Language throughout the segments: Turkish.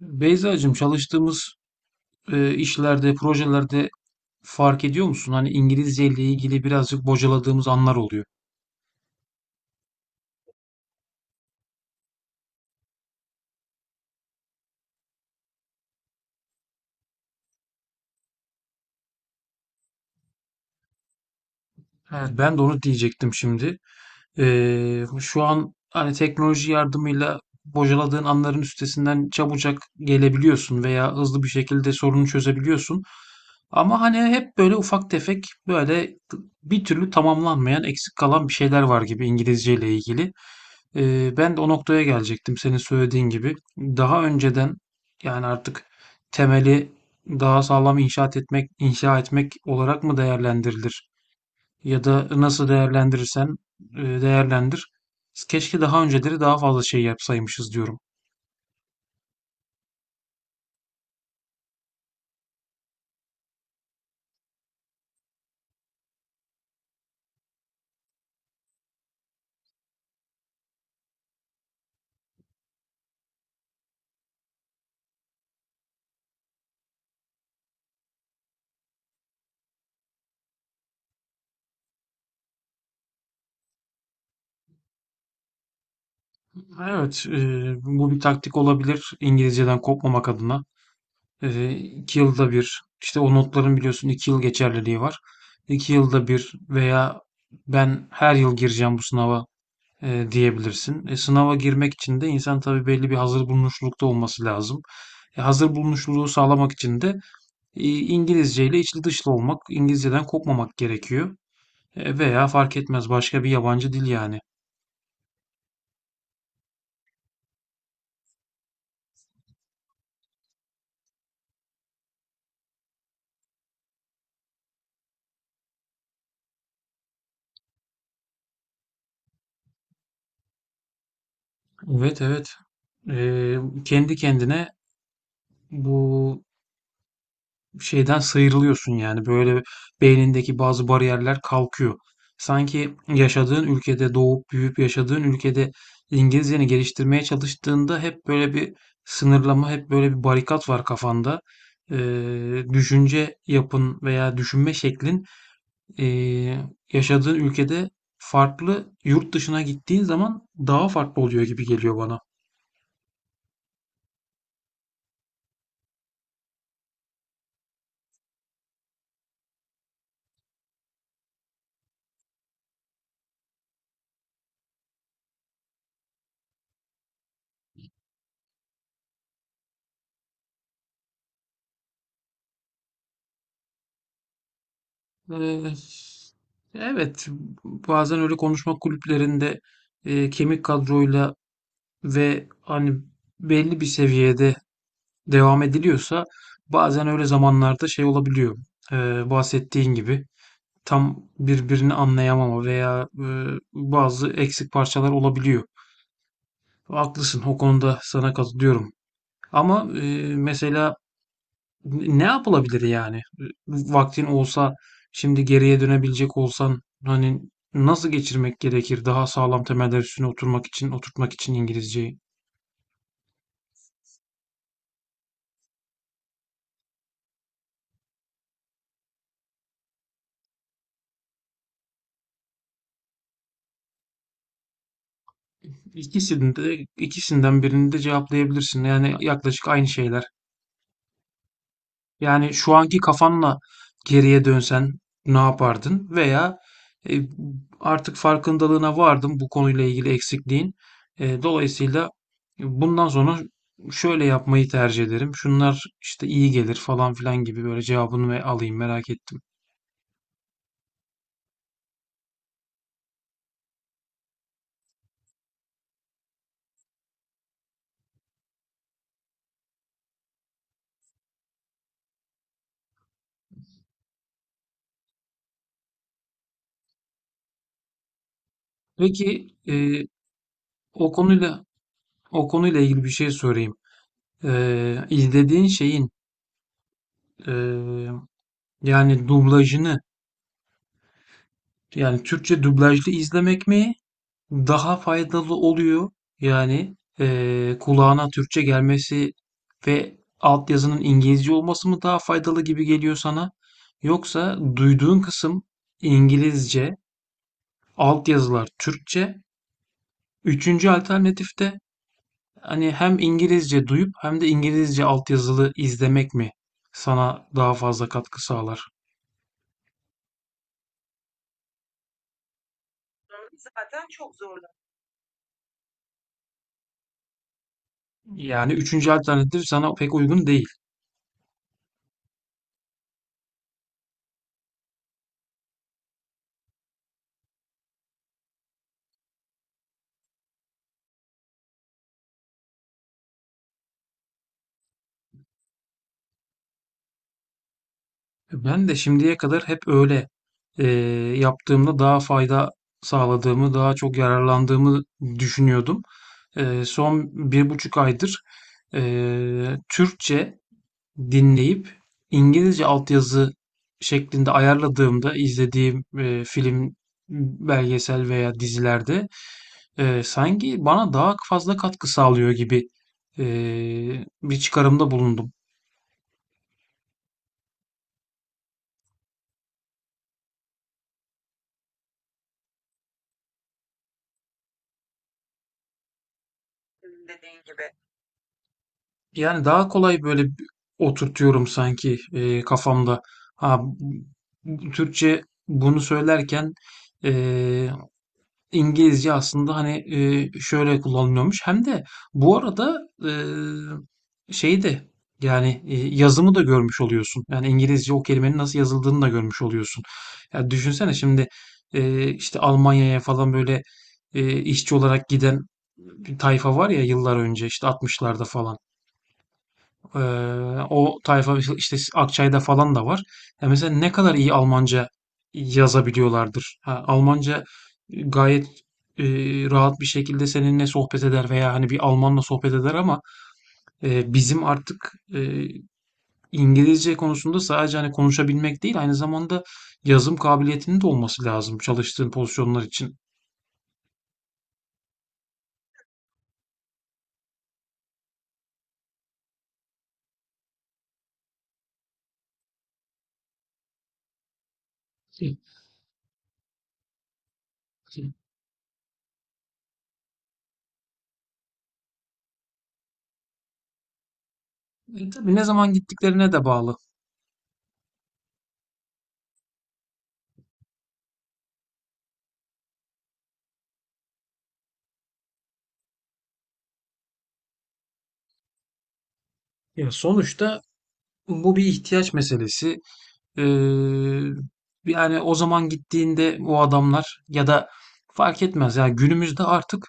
Beyzacığım çalıştığımız işlerde, projelerde fark ediyor musun? Hani İngilizce ile ilgili birazcık bocaladığımız anlar oluyor. Evet. Ben de onu diyecektim şimdi. Şu an hani teknoloji yardımıyla bocaladığın anların üstesinden çabucak gelebiliyorsun veya hızlı bir şekilde sorunu çözebiliyorsun. Ama hani hep böyle ufak tefek böyle bir türlü tamamlanmayan eksik kalan bir şeyler var gibi İngilizce ile ilgili. Ben de o noktaya gelecektim senin söylediğin gibi. Daha önceden yani artık temeli daha sağlam inşaat etmek, inşa etmek olarak mı değerlendirilir? Ya da nasıl değerlendirirsen değerlendir. Keşke daha önceleri daha fazla şey yapsaymışız diyorum. Evet, bu bir taktik olabilir İngilizceden kopmamak adına. İki yılda bir, işte o notların biliyorsun iki yıl geçerliliği var. İki yılda bir veya ben her yıl gireceğim bu sınava diyebilirsin. Sınava girmek için de insan tabii belli bir hazır bulunuşlukta olması lazım. Hazır bulunuşluluğu sağlamak için de İngilizce ile içli dışlı olmak, İngilizceden kopmamak gerekiyor. Veya fark etmez başka bir yabancı dil yani. Evet, evet. E, Kendi kendine bu şeyden sıyrılıyorsun yani böyle beynindeki bazı bariyerler kalkıyor. Sanki yaşadığın ülkede doğup büyüyüp yaşadığın ülkede İngilizceni geliştirmeye çalıştığında hep böyle bir sınırlama, hep böyle bir barikat var kafanda. Düşünce yapın veya düşünme şeklin ee, yaşadığın ülkede farklı, yurt dışına gittiğin zaman daha farklı oluyor gibi geliyor bana. Ee, evet, bazen öyle konuşma kulüplerinde kemik kadroyla ve hani belli bir seviyede devam ediliyorsa bazen öyle zamanlarda şey olabiliyor. Bahsettiğin gibi tam birbirini anlayamama veya bazı eksik parçalar olabiliyor. Haklısın, o konuda sana katılıyorum. Ama mesela ne yapılabilir yani? Vaktin olsa, şimdi geriye dönebilecek olsan hani nasıl geçirmek gerekir daha sağlam temeller üstüne oturmak için, oturtmak için İngilizceyi? İkisinde, ikisinden birini de cevaplayabilirsin. Yani yaklaşık aynı şeyler. Yani şu anki kafanla geriye dönsen ne yapardın? Veya e, artık farkındalığına vardın bu konuyla ilgili eksikliğin. Dolayısıyla bundan sonra şöyle yapmayı tercih ederim. Şunlar işte iyi gelir falan filan gibi böyle cevabını ve alayım merak ettim. Peki o konuyla o konuyla ilgili bir şey sorayım. İzlediğin şeyin e, yani dublajını yani Türkçe dublajlı izlemek mi? Daha faydalı oluyor. Yani, kulağına Türkçe gelmesi ve altyazının İngilizce olması mı daha faydalı gibi geliyor sana? Yoksa duyduğun kısım İngilizce, altyazılar Türkçe, üçüncü alternatif de, hani, hem İngilizce duyup hem de İngilizce altyazılı izlemek mi sana daha fazla katkı sağlar? Yani üçüncü alternatif sana pek uygun değil. Ben de şimdiye kadar hep öyle eee, yaptığımda daha fayda sağladığımı, daha çok yararlandığımı düşünüyordum. Son bir buçuk aydır Türkçe dinleyip İngilizce altyazı şeklinde ayarladığımda izlediğim, film, belgesel veya dizilerde, sanki bana daha fazla katkı sağlıyor gibi, bir çıkarımda bulundum. Yani daha kolay böyle oturtuyorum sanki, kafamda. Ha, Türkçe bunu söylerken, eee İngilizce aslında hani şöyle kullanılıyormuş. Hem de bu arada e, şey de yani yazımı da görmüş oluyorsun. Yani İngilizce o kelimenin nasıl yazıldığını da görmüş oluyorsun. Ya düşünsene şimdi işte Almanya'ya falan böyle işçi olarak giden bir tayfa var ya yıllar önce işte 60'larda falan. Ee, O tayfa işte Akçay'da falan da var. Ya mesela ne kadar iyi Almanca yazabiliyorlardır. Ha, Almanca gayet e, rahat bir şekilde seninle sohbet eder veya hani bir Almanla sohbet eder ama bizim artık İngilizce konusunda sadece hani konuşabilmek değil aynı zamanda yazım kabiliyetinin de olması lazım çalıştığın pozisyonlar için. E, tabii ne zaman gittiklerine de bağlı. Ya sonuçta bu bir ihtiyaç meselesi. Ee, Yani o zaman gittiğinde o adamlar ya da fark etmez. Yani günümüzde artık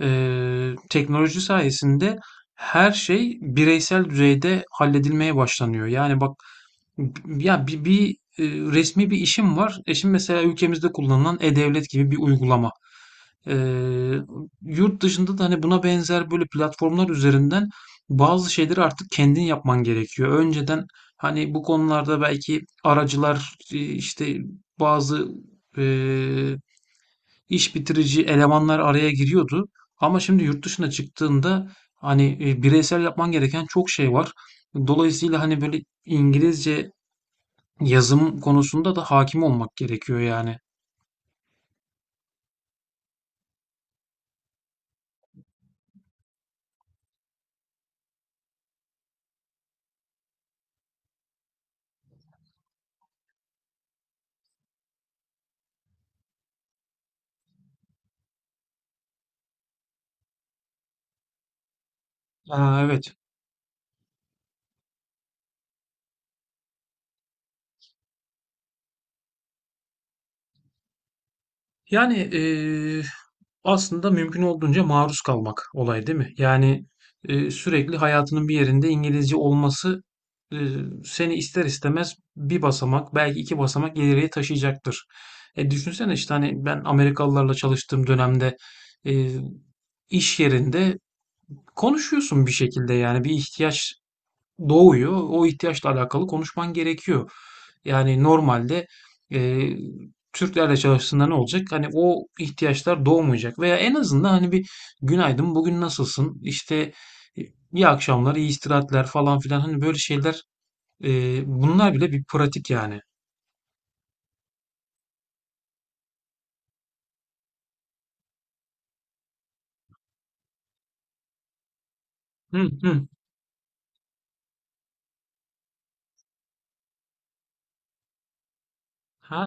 teknoloji sayesinde her şey bireysel düzeyde halledilmeye başlanıyor. Yani bak ya e, resmi bir işim var. E şimdi mesela ülkemizde kullanılan e-devlet gibi bir uygulama. Eee, Yurt dışında da hani buna benzer böyle platformlar üzerinden bazı şeyleri artık kendin yapman gerekiyor. Önceden hani bu konularda belki aracılar işte bazı eee, iş bitirici elemanlar araya giriyordu. Ama şimdi yurt dışına çıktığında hani bireysel yapman gereken çok şey var. Dolayısıyla hani böyle İngilizce yazım konusunda da hakim olmak gerekiyor yani. Aa, evet. Yani aslında mümkün olduğunca maruz kalmak olay değil mi? Yani sürekli hayatının bir yerinde İngilizce olması e, seni ister istemez bir basamak belki iki basamak ileriye taşıyacaktır. Düşünsene işte hani ben Amerikalılarla çalıştığım dönemde e, iş yerinde konuşuyorsun bir şekilde yani bir ihtiyaç doğuyor. O ihtiyaçla alakalı konuşman gerekiyor. Yani normalde e, Türklerle çalıştığında ne olacak? Hani o ihtiyaçlar doğmayacak veya en azından hani bir günaydın bugün nasılsın? İşte e, iyi akşamlar, iyi istirahatler falan filan hani böyle şeyler e, bunlar bile bir pratik yani. Hı hı. Ha?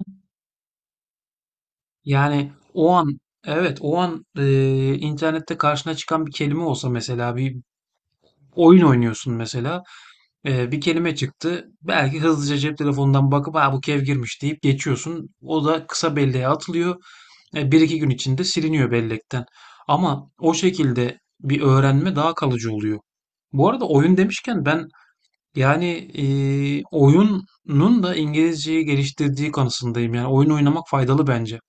Yani o an evet o an internette karşına çıkan bir kelime olsa mesela bir oyun oynuyorsun mesela bir kelime çıktı. Belki hızlıca cep telefonundan bakıp ha bu kev girmiş deyip geçiyorsun. O da kısa belleğe atılıyor. Bir iki gün içinde siliniyor bellekten. Ama o şekilde bir öğrenme daha kalıcı oluyor. Bu arada oyun demişken ben yani e, oyunun da İngilizceyi geliştirdiği kanısındayım. Yani oyun oynamak faydalı bence.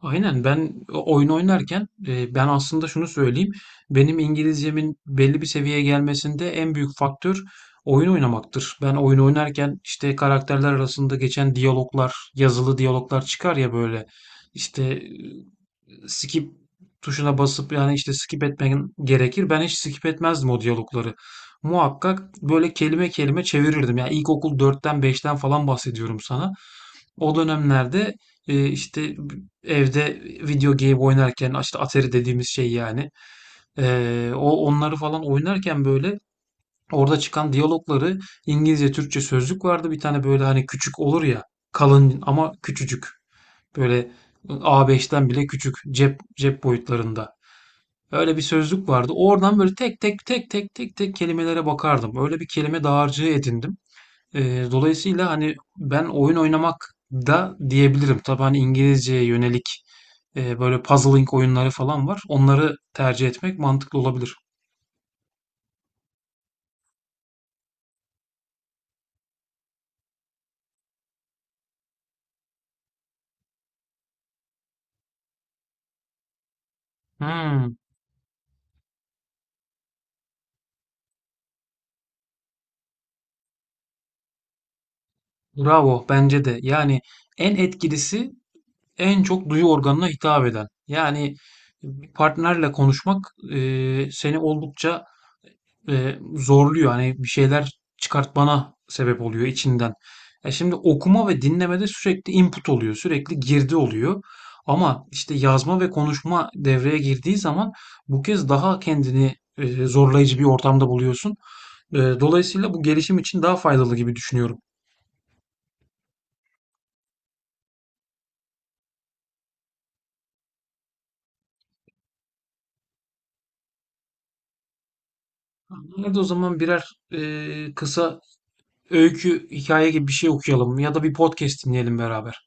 Aynen ben oyun oynarken ben aslında şunu söyleyeyim. Benim İngilizcemin belli bir seviyeye gelmesinde en büyük faktör oyun oynamaktır. Ben oyun oynarken işte karakterler arasında geçen diyaloglar, yazılı diyaloglar çıkar ya böyle. İşte skip tuşuna basıp yani işte skip etmen gerekir. Ben hiç skip etmezdim o diyalogları. Muhakkak böyle kelime kelime çevirirdim. Yani ilkokul dörtten beşten falan bahsediyorum sana. O dönemlerde işte evde video game oynarken işte Atari dediğimiz şey yani o onları falan oynarken böyle orada çıkan diyalogları İngilizce Türkçe sözlük vardı bir tane böyle hani küçük olur ya kalın ama küçücük böyle A5'ten bile küçük cep boyutlarında öyle bir sözlük vardı oradan böyle tek tek kelimelere bakardım öyle bir kelime dağarcığı edindim. Dolayısıyla hani ben oyun oynamak da diyebilirim tabii hani İngilizceye yönelik böyle puzzling oyunları falan var. Onları tercih etmek mantıklı olabilir. Hmm, bravo bence de. Yani en etkilisi en çok duyu organına hitap eden. Yani bir partnerle konuşmak seni oldukça zorluyor. Hani bir şeyler çıkartmana sebep oluyor içinden. Ya şimdi okuma ve dinlemede sürekli input oluyor, sürekli girdi oluyor. Ama işte yazma ve konuşma devreye girdiği zaman bu kez daha kendini zorlayıcı bir ortamda buluyorsun. Dolayısıyla bu gelişim için daha faydalı gibi düşünüyorum. Hadi o zaman birer kısa öykü, hikaye gibi bir şey okuyalım ya da bir podcast dinleyelim beraber.